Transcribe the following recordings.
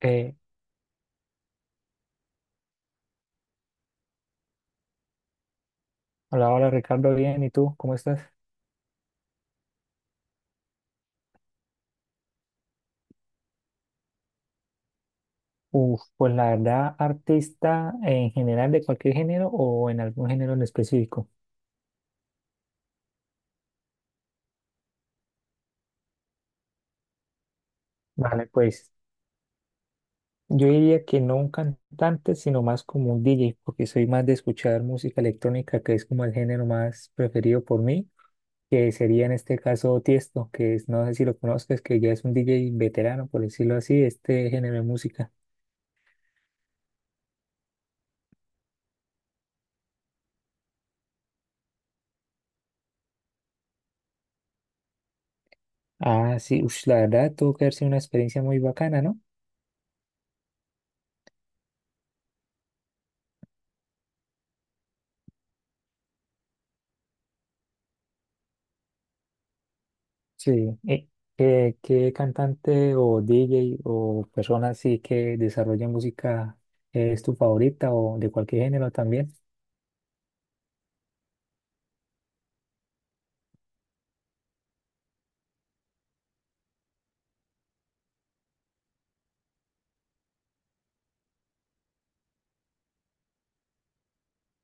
Eh, Hola, hola Ricardo, bien, ¿y tú? ¿Cómo estás? Uf, pues la verdad, artista en general de cualquier género o en algún género en específico. Vale, pues yo diría que no un cantante, sino más como un DJ, porque soy más de escuchar música electrónica, que es como el género más preferido por mí, que sería en este caso Tiesto, que es, no sé si lo conozcas, que ya es un DJ veterano, por decirlo así, de este género de música. Ah, sí, ush, la verdad, tuvo que haber sido una experiencia muy bacana, ¿no? Sí, ¿qué cantante o DJ o persona así que desarrolle música es tu favorita o de cualquier género también?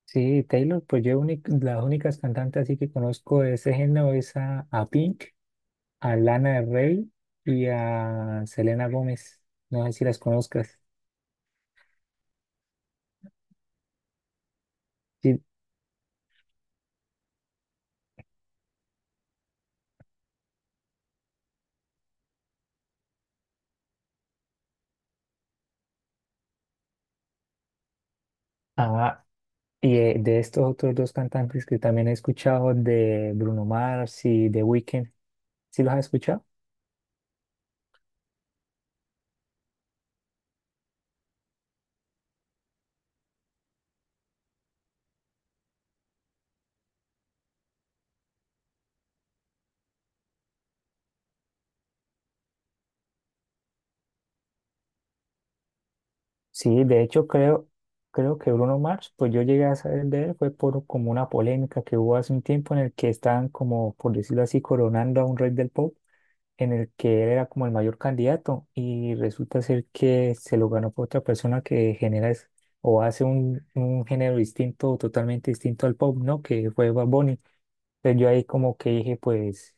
Sí, Taylor, pues las únicas cantantes así que conozco de ese género es a Pink, a Lana del Rey y a Selena Gómez. No sé si las conozcas. Sí. Ah, y de estos otros dos cantantes que también he escuchado, de Bruno Mars y The Weeknd, ¿sí los has escuchado? Sí, de hecho creo que Bruno Mars, pues yo llegué a saber de él, fue por como una polémica que hubo hace un tiempo en el que estaban como, por decirlo así, coronando a un rey del pop, en el que él era como el mayor candidato y resulta ser que se lo ganó por otra persona que o hace un género distinto, totalmente distinto al pop, ¿no? Que fue Bad Bunny. Entonces yo ahí como que dije, pues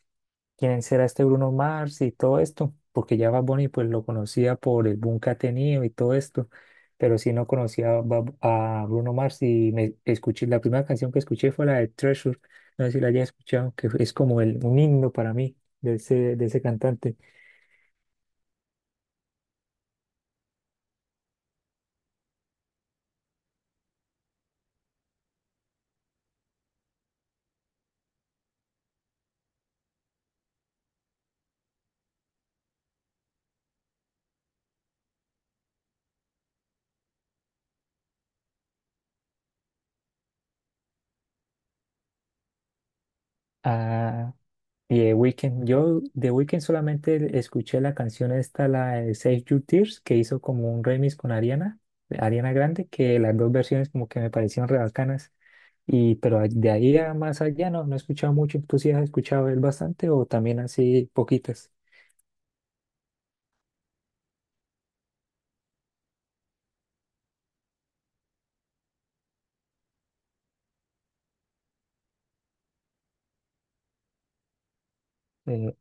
quién será este Bruno Mars y todo esto, porque ya Bad Bunny pues lo conocía por el boom que ha tenido y todo esto, pero sí no conocía a Bruno Mars y me escuché, la primera canción que escuché fue la de Treasure, no sé si la hayas escuchado, que es como un himno para mí de de ese cantante. Ah, y The Weeknd, yo The Weeknd solamente escuché la canción esta, la de Save Your Tears, que hizo como un remix con Ariana, Ariana Grande, que las dos versiones como que me parecieron re bacanas. Y, pero de ahí a más allá no, no he escuchado mucho. ¿Tú sí has escuchado él bastante o también así poquitas? Eh,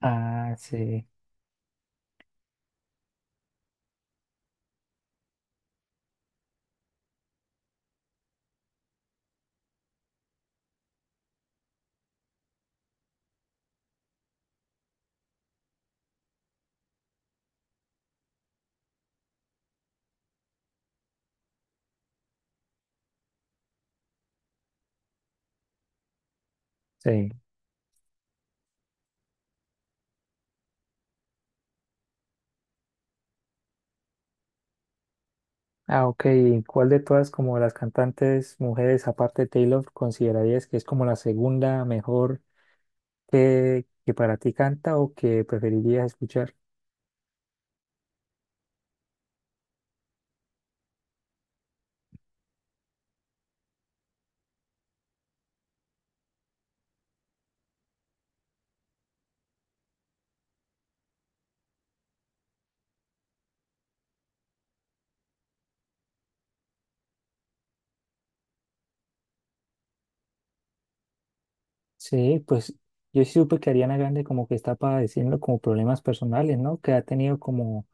ah, sí, sí. Ah, ok. ¿Y ¿cuál de todas como las cantantes mujeres, aparte de Taylor, considerarías que es como la segunda mejor que para ti canta o que preferirías escuchar? Sí, pues yo sí supe que Ariana Grande como que está padeciendo como problemas personales, ¿no? Que ha tenido como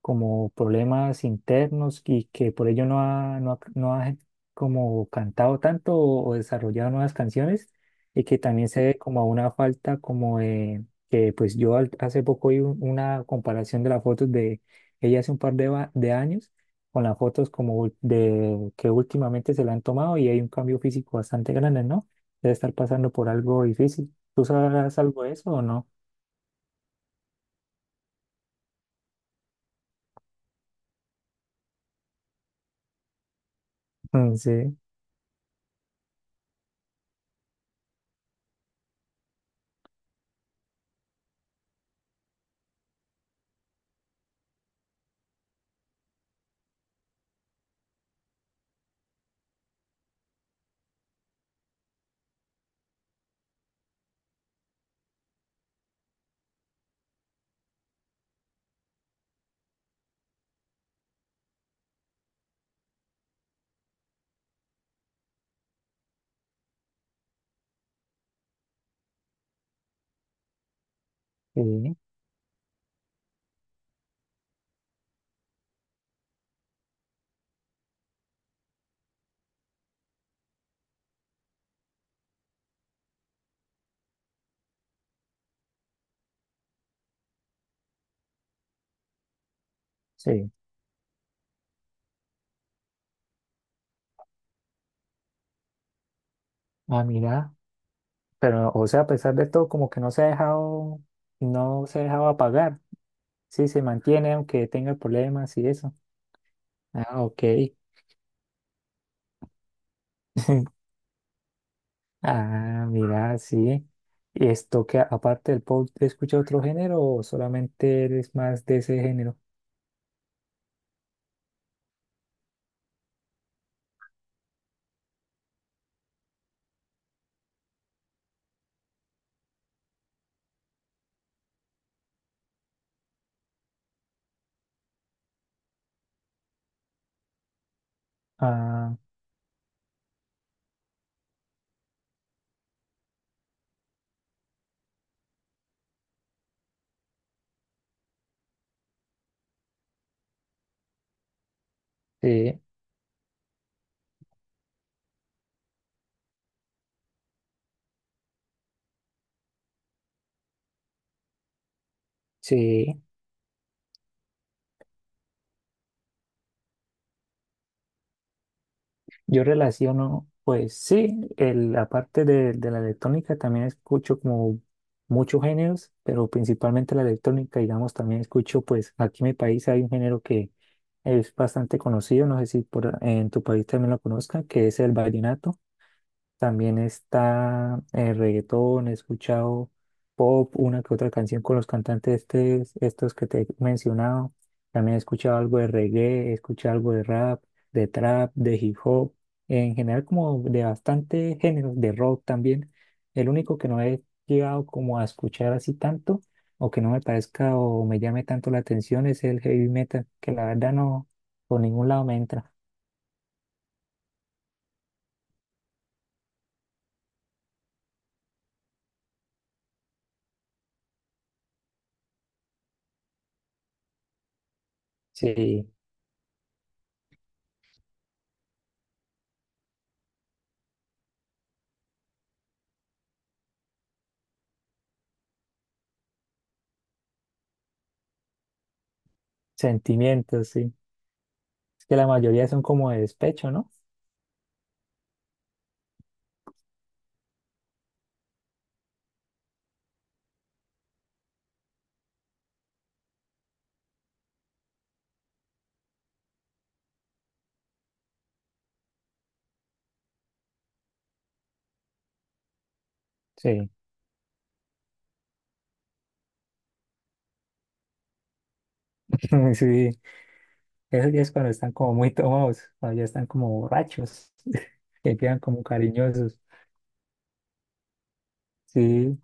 como problemas internos y que por ello no ha como cantado tanto o desarrollado nuevas canciones y que también se ve como una falta como de que pues hace poco una comparación de las fotos de ella hace un par de, de años con las fotos como de que últimamente se le han tomado y hay un cambio físico bastante grande, ¿no? Debe estar pasando por algo difícil. ¿Tú sabrás algo de eso o no? Mm, sí, sí, sí. Ah, mira. Pero, o sea, a pesar de todo, como que no se ha dejado, no se ha dejado apagar. Sí, se mantiene aunque tenga problemas y eso. Ah, ok. Ah, mira, sí. ¿Y esto que aparte del pop escucha otro género o solamente eres más de ese género? Ah, sí, sí. Yo relaciono, pues sí, el, la parte de la electrónica también escucho como muchos géneros, pero principalmente la electrónica, digamos, también escucho, pues aquí en mi país hay un género que es bastante conocido, no sé si por, en tu país también lo conozcan, que es el vallenato. También está reggaetón, he escuchado pop, una que otra canción con los cantantes estos que te he mencionado. También he escuchado algo de reggae, he escuchado algo de rap, de trap, de hip hop, en general como de bastante géneros, de rock también. El único que no he llegado como a escuchar así tanto o que no me parezca o me llame tanto la atención es el heavy metal, que la verdad no, por ningún lado me entra. Sí, sentimientos, sí. Es que la mayoría son como de despecho, ¿no? Sí, sí, eso ya es cuando están como muy tomados, cuando ya están como borrachos, que quedan como cariñosos. Sí,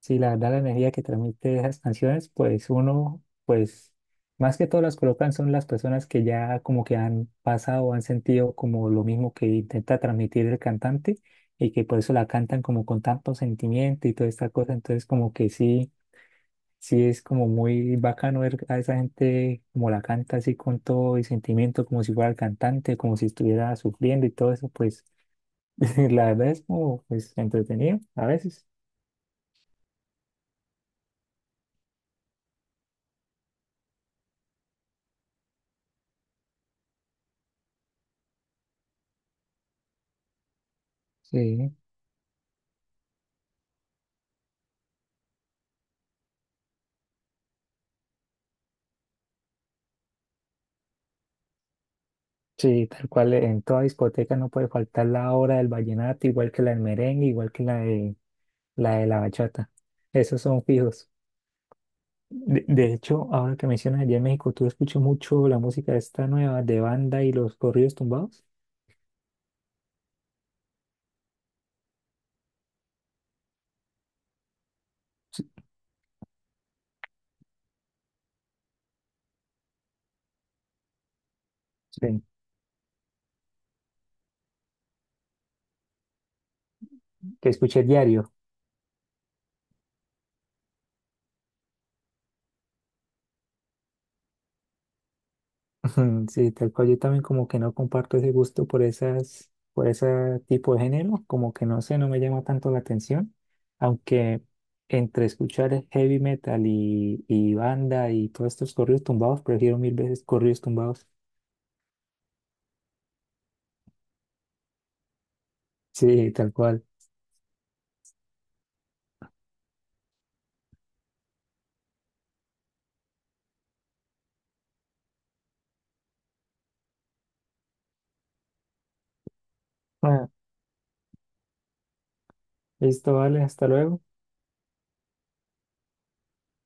sí, la verdad la energía que transmite esas canciones, pues uno, pues más que todo las colocan son las personas que ya como que han pasado, han sentido como lo mismo que intenta transmitir el cantante y que por eso la cantan como con tanto sentimiento y toda esta cosa, entonces como que sí sí es como muy bacano ver a esa gente como la canta así con todo el sentimiento, como si fuera el cantante, como si estuviera sufriendo y todo eso, pues la verdad es como pues, entretenido a veces. Sí, sí, tal cual en toda discoteca no puede faltar la hora del vallenato, igual que la del merengue, igual que la de de la bachata. Esos son fijos. De hecho, ahora que mencionas allá en México, ¿tú escuchas mucho la música esta nueva de banda y los corridos tumbados? Sí. Sí, que escuché diario. Ujú, sí, tal cual yo también como que no comparto ese gusto por esas, por ese tipo de género, como que no sé, no me llama tanto la atención, aunque entre escuchar heavy metal y banda y todos estos corridos tumbados, prefiero mil veces corridos tumbados. Sí, tal cual. Ah, listo, vale, hasta luego.